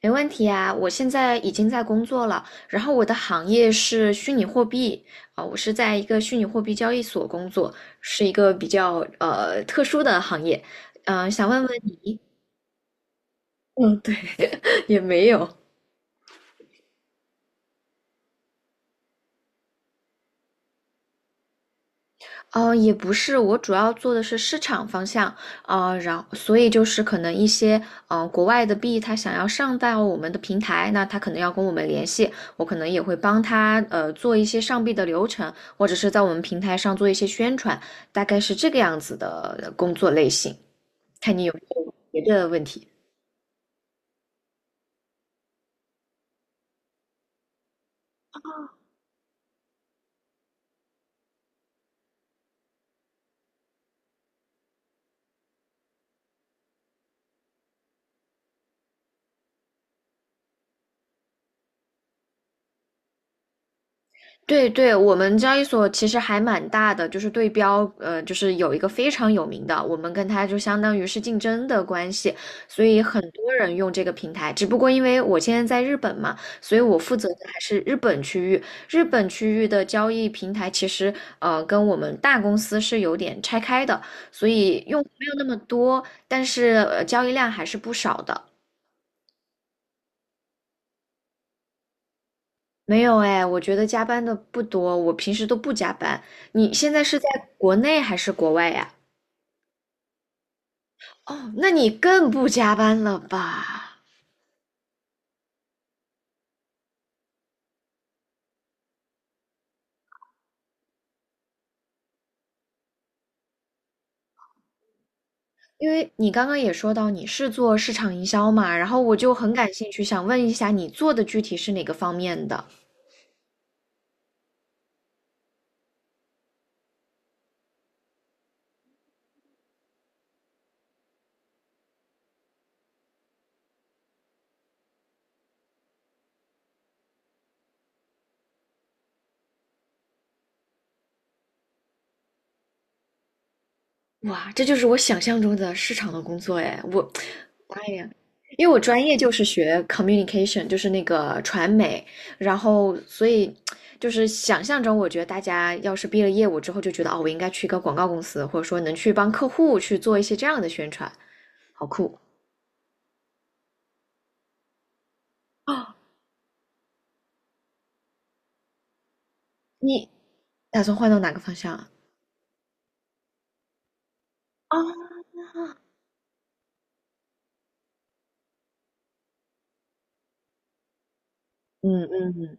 没问题啊，我现在已经在工作了，然后我的行业是虚拟货币。我是在一个虚拟货币交易所工作，是一个比较特殊的行业。想问问你。嗯，对。也没有。哦，也不是，我主要做的是市场方向。啊，然后所以就是可能一些国外的币，他想要上到我们的平台，那他可能要跟我们联系，我可能也会帮他做一些上币的流程，或者是在我们平台上做一些宣传，大概是这个样子的工作类型。看你有没有别的问题。对对，我们交易所其实还蛮大的，就是对标，就是有一个非常有名的，我们跟它就相当于是竞争的关系，所以很多人用这个平台。只不过因为我现在在日本嘛，所以我负责的还是日本区域。日本区域的交易平台其实，跟我们大公司是有点拆开的，所以用户没有那么多，但是，交易量还是不少的。没有哎，我觉得加班的不多，我平时都不加班。你现在是在国内还是国外呀？哦，那你更不加班了吧？因为你刚刚也说到你是做市场营销嘛，然后我就很感兴趣，想问一下你做的具体是哪个方面的？哇，这就是我想象中的市场的工作哎，我，哎呀，因为我专业就是学 communication，就是那个传媒，然后所以就是想象中，我觉得大家要是毕了业，我之后就觉得哦，我应该去一个广告公司，或者说能去帮客户去做一些这样的宣传，好酷啊！你打算换到哪个方向啊？啊。嗯嗯嗯，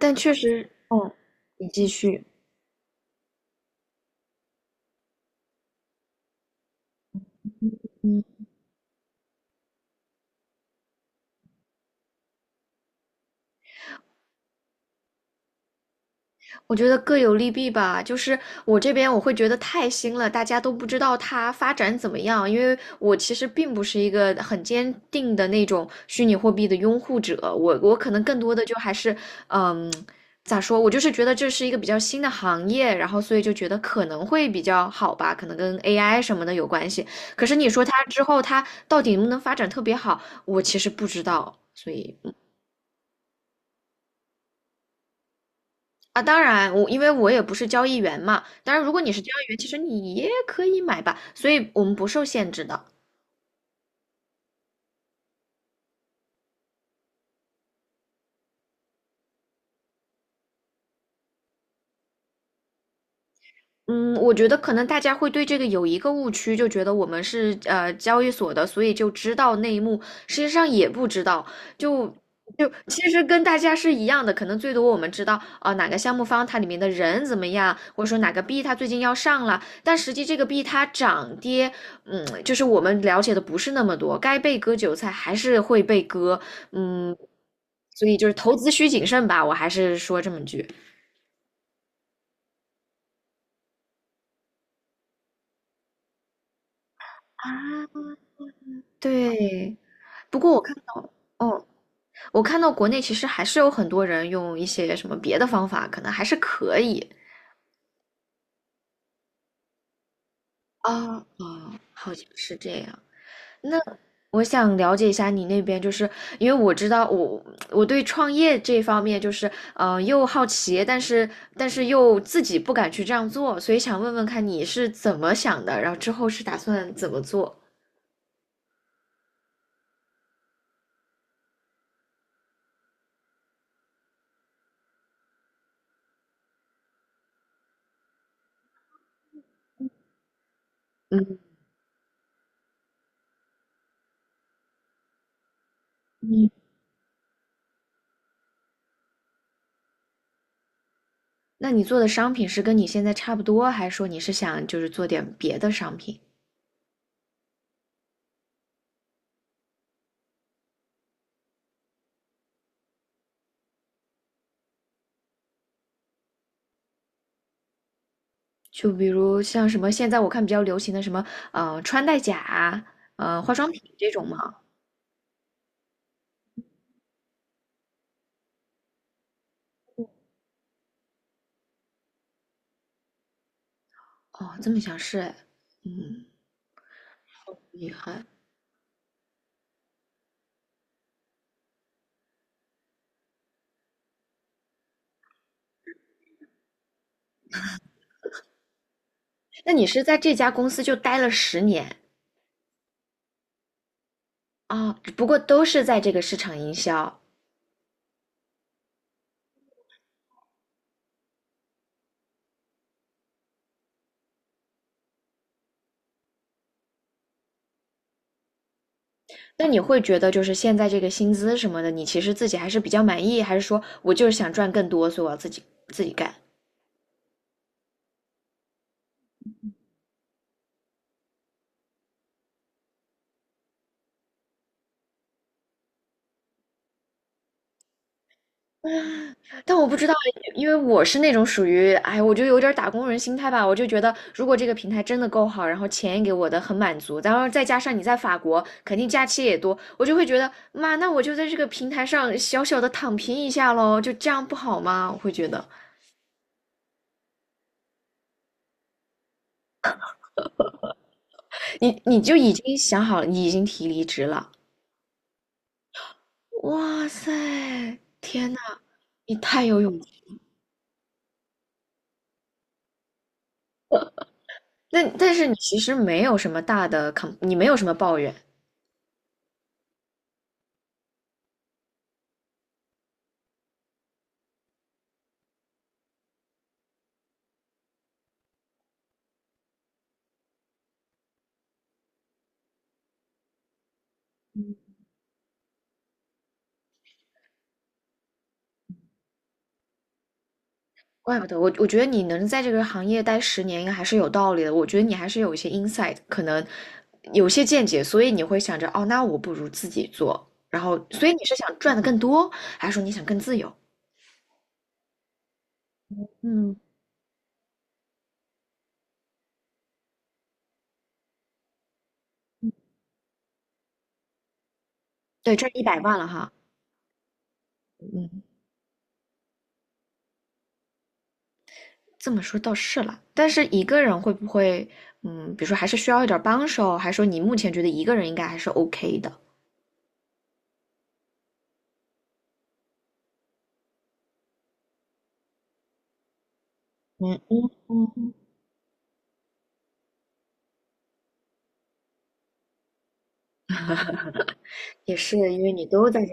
但确实，哦，你继续。嗯。我觉得各有利弊吧，就是我这边我会觉得太新了，大家都不知道它发展怎么样，因为我其实并不是一个很坚定的那种虚拟货币的拥护者，我可能更多的就还是，嗯，咋说，我就是觉得这是一个比较新的行业，然后所以就觉得可能会比较好吧，可能跟 AI 什么的有关系。可是你说它之后它到底能不能发展特别好，我其实不知道，所以啊，当然，我因为我也不是交易员嘛，当然如果你是交易员，其实你也可以买吧，所以我们不受限制的。嗯，我觉得可能大家会对这个有一个误区，就觉得我们是交易所的，所以就知道内幕，实际上也不知道，就就其实跟大家是一样的，可能最多我们知道啊、哪个项目方它里面的人怎么样，或者说哪个币它最近要上了，但实际这个币它涨跌，嗯，就是我们了解的不是那么多，该被割韭菜还是会被割。嗯，所以就是投资需谨慎吧，我还是说这么句啊。对。不过我看到，哦，我看到国内其实还是有很多人用一些什么别的方法，可能还是可以啊啊，好像是这样。那我想了解一下你那边，就是因为我知道我对创业这方面就是又好奇，但是又自己不敢去这样做，所以想问问看你是怎么想的，然后之后是打算怎么做？嗯嗯，那你做的商品是跟你现在差不多，还是说你是想就是做点别的商品？就比如像什么，现在我看比较流行的什么，穿戴甲，化妆品这种嘛。哦，这么想是哎。嗯，厉害。那你是在这家公司就待了十年啊，不过都是在这个市场营销。那你会觉得就是现在这个薪资什么的，你其实自己还是比较满意，还是说我就是想赚更多，所以我要自己干？但我不知道哎，因为我是那种属于，哎，我就有点儿打工人心态吧。我就觉得，如果这个平台真的够好，然后钱也给我的很满足，然后再加上你在法国，肯定假期也多，我就会觉得，妈，那我就在这个平台上小小的躺平一下喽，就这样不好吗？我会觉得，你就已经想好了，你已经提离职了。哇塞，天呐，你太有勇气。那但是你其实没有什么大的 你没有什么抱怨。怪不得我，我觉得你能在这个行业待十年，应该还是有道理的。我觉得你还是有一些 insight，可能有些见解，所以你会想着，哦，那我不如自己做。然后，所以你是想赚的更多，还是说你想更自由？嗯，对，赚100万了哈。嗯，这么说倒是了。但是一个人会不会，嗯，比如说还是需要一点帮手，还是说你目前觉得一个人应该还是 OK 的？嗯嗯嗯，也是，因为你都在这，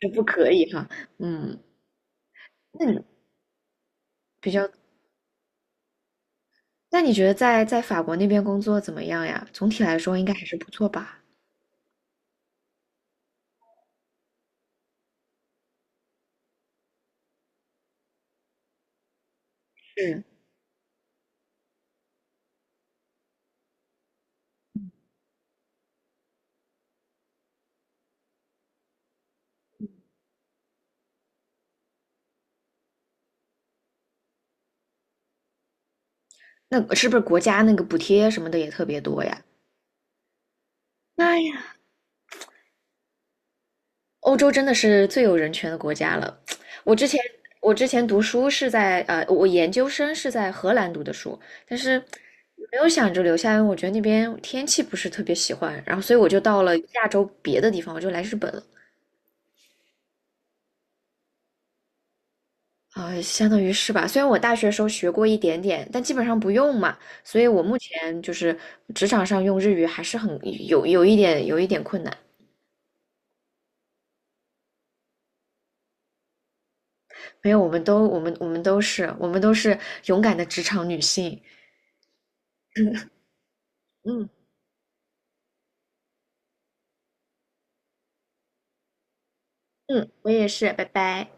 这不可以哈。嗯，那你比较，那你觉得在法国那边工作怎么样呀？总体来说应该还是不错吧？嗯，那是不是国家那个补贴什么的也特别多呀？哎呀，欧洲真的是最有人权的国家了。我之前我之前读书是在我研究生是在荷兰读的书，但是没有想着留下来，因为我觉得那边天气不是特别喜欢，然后所以我就到了亚洲别的地方，我就来日本了。啊，相当于是吧。虽然我大学时候学过一点点，但基本上不用嘛，所以我目前就是职场上用日语还是很有一点困难。没有，我们都我们我们都是我们都是勇敢的职场女性。嗯嗯，我也是，拜拜。